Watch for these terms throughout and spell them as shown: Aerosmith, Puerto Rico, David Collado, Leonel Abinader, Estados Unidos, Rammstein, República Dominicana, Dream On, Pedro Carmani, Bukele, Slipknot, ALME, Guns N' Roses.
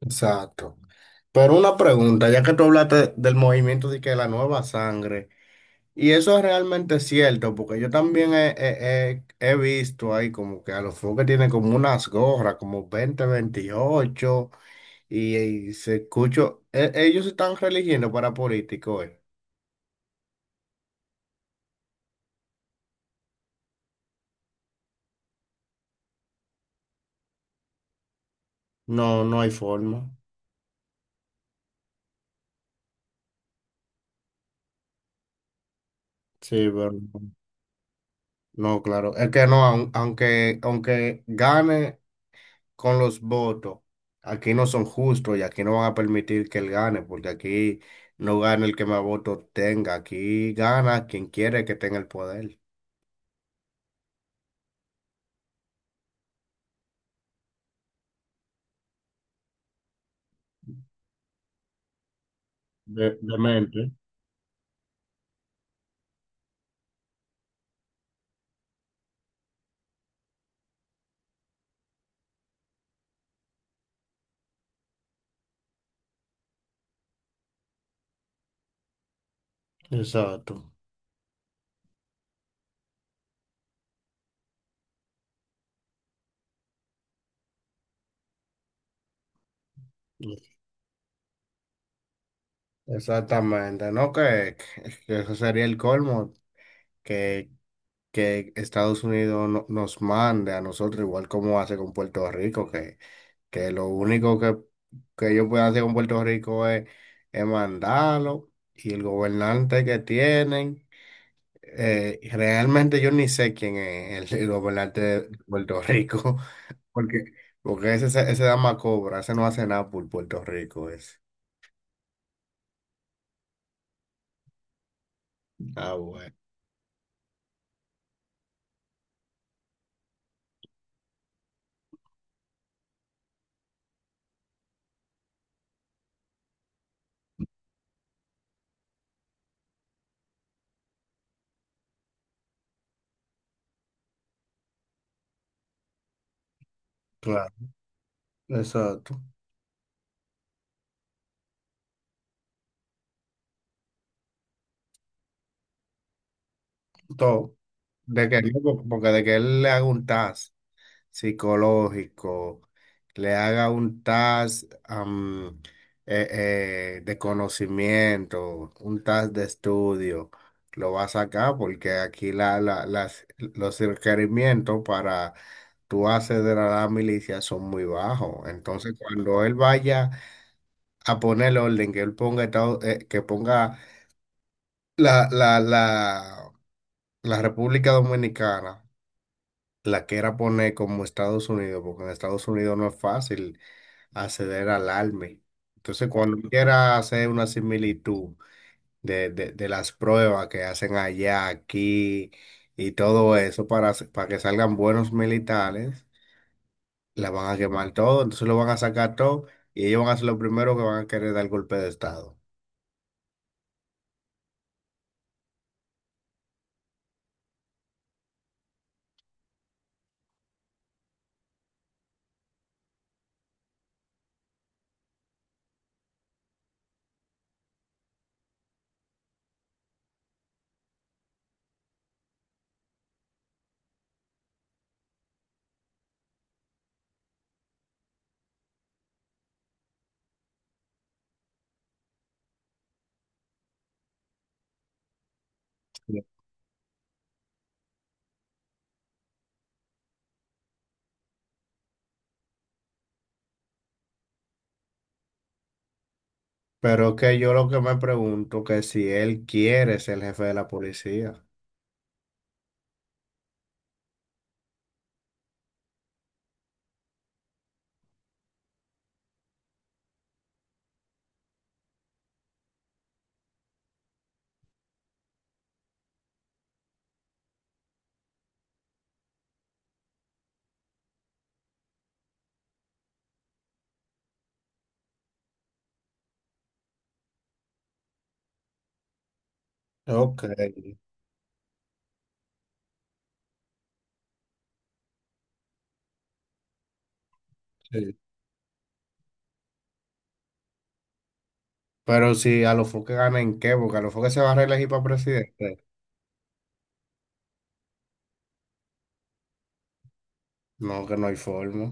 Exacto. Pero una pregunta, ya que tú hablaste del movimiento de que la nueva sangre, y eso es realmente cierto, porque yo también he visto ahí como que a los que tienen como unas gorras, como 20, 28 y se escucho, ellos se están religiendo para políticos. No, no hay forma. Sí, pero no, claro. Es que no, aunque gane. Con los votos, aquí no son justos y aquí no van a permitir que él gane, porque aquí no gana el que más votos tenga, aquí gana quien quiere que tenga el poder. Demente. Exacto. Exactamente, ¿no? Que eso sería el colmo, que, que Estados Unidos nos mande a nosotros, igual como hace con Puerto Rico, que lo único que ellos pueden hacer con Puerto Rico es mandarlo y el gobernante que tienen. Realmente yo ni sé quién es el gobernante de Puerto Rico. porque, porque ese dama cobra, ese no hace nada por Puerto Rico, ese. Ah, bueno, claro, exacto. Todo. De que, porque de que él le haga un TAS psicológico, le haga un task eh, de conocimiento, un task de estudio, lo va a sacar porque aquí los requerimientos para tú acceder a la milicia son muy bajos. Entonces, cuando él vaya a poner el orden, que ponga la, la, la, la República Dominicana la quiera poner como Estados Unidos, porque en Estados Unidos no es fácil acceder al ALME. Entonces, cuando uno quiera hacer una similitud de las pruebas que hacen allá, aquí y todo eso para que salgan buenos militares, la van a quemar todo, entonces lo van a sacar todo y ellos van a ser los primeros que van a querer dar golpe de Estado. Sí. Pero que yo lo que me pregunto que si él quiere ser el jefe de la policía. Ok, sí. Pero si a los que gana en qué, porque a los que se va a reelegir para presidente. No, que no hay forma.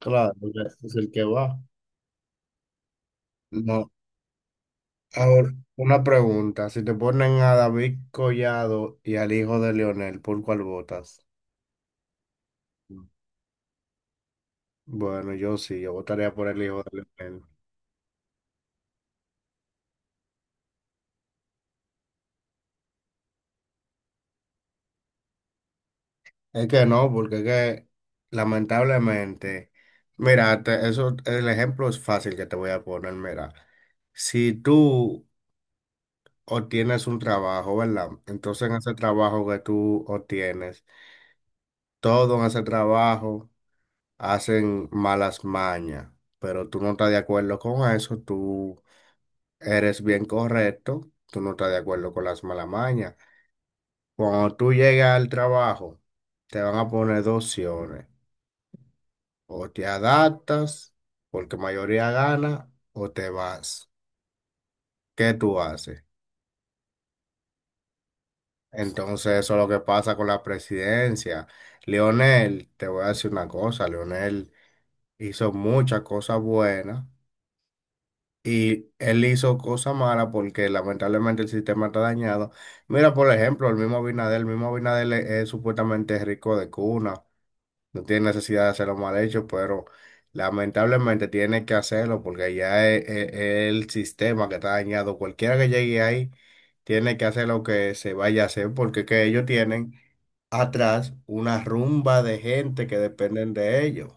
Claro, porque es el que va. No. Ahora, una pregunta. Si te ponen a David Collado y al hijo de Leonel, ¿por cuál votas? Bueno, yo sí, yo votaría por el hijo de Leonel. Es que no, porque es que lamentablemente, mira, eso, el ejemplo es fácil que te voy a poner, mira. Si tú obtienes un trabajo, ¿verdad? Entonces en ese trabajo que tú obtienes, todo en ese trabajo hacen malas mañas, pero tú no estás de acuerdo con eso, tú eres bien correcto, tú no estás de acuerdo con las malas mañas. Cuando tú llegas al trabajo, te van a poner dos opciones, o te adaptas porque mayoría gana, o te vas. ¿Qué tú haces? Entonces, eso es lo que pasa con la presidencia. Leonel, te voy a decir una cosa, Leonel hizo muchas cosas buenas y él hizo cosas malas porque lamentablemente el sistema está dañado. Mira, por ejemplo, el mismo Abinader es supuestamente rico de cuna, no tiene necesidad de hacerlo mal hecho, pero lamentablemente tiene que hacerlo porque ya es el sistema que está dañado. Cualquiera que llegue ahí tiene que hacer lo que se vaya a hacer porque es que ellos tienen atrás una rumba de gente que dependen de ellos.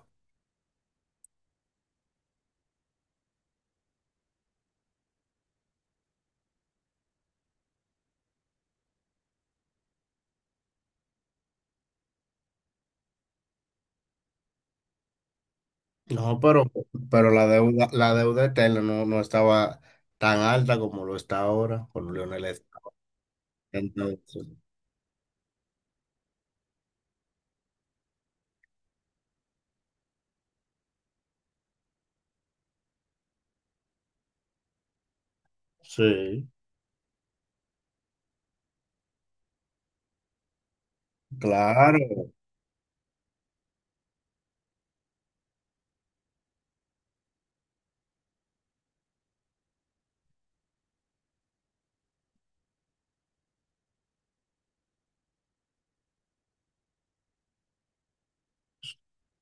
No, Pero la deuda eterna no estaba tan alta como lo está ahora con Lionel Messi. Entonces, sí. Claro,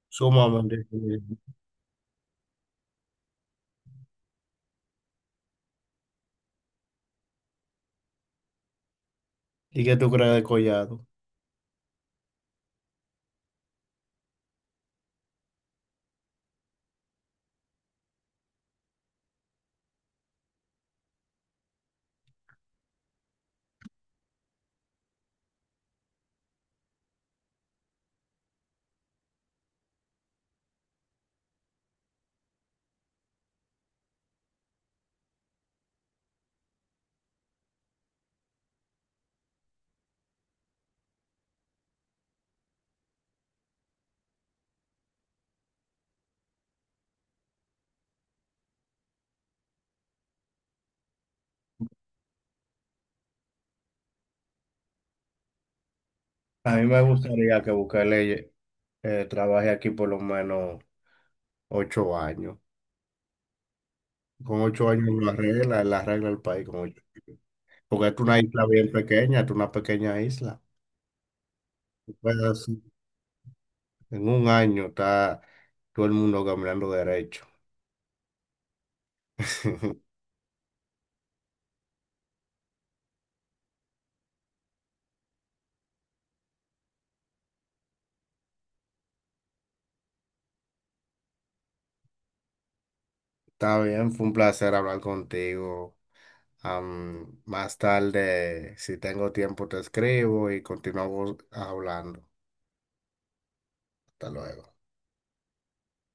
sumamente difícil. ¿Y qué tú crees de Collado? A mí me gustaría que Bukele trabaje aquí por lo menos 8 años. Con 8 años lo arregla, él arregla el país con 8 años. Porque es una isla bien pequeña, es una pequeña isla. En un año está todo el mundo caminando derecho. Está bien, fue un placer hablar contigo. Más tarde, si tengo tiempo, te escribo y continuamos hablando. Hasta luego.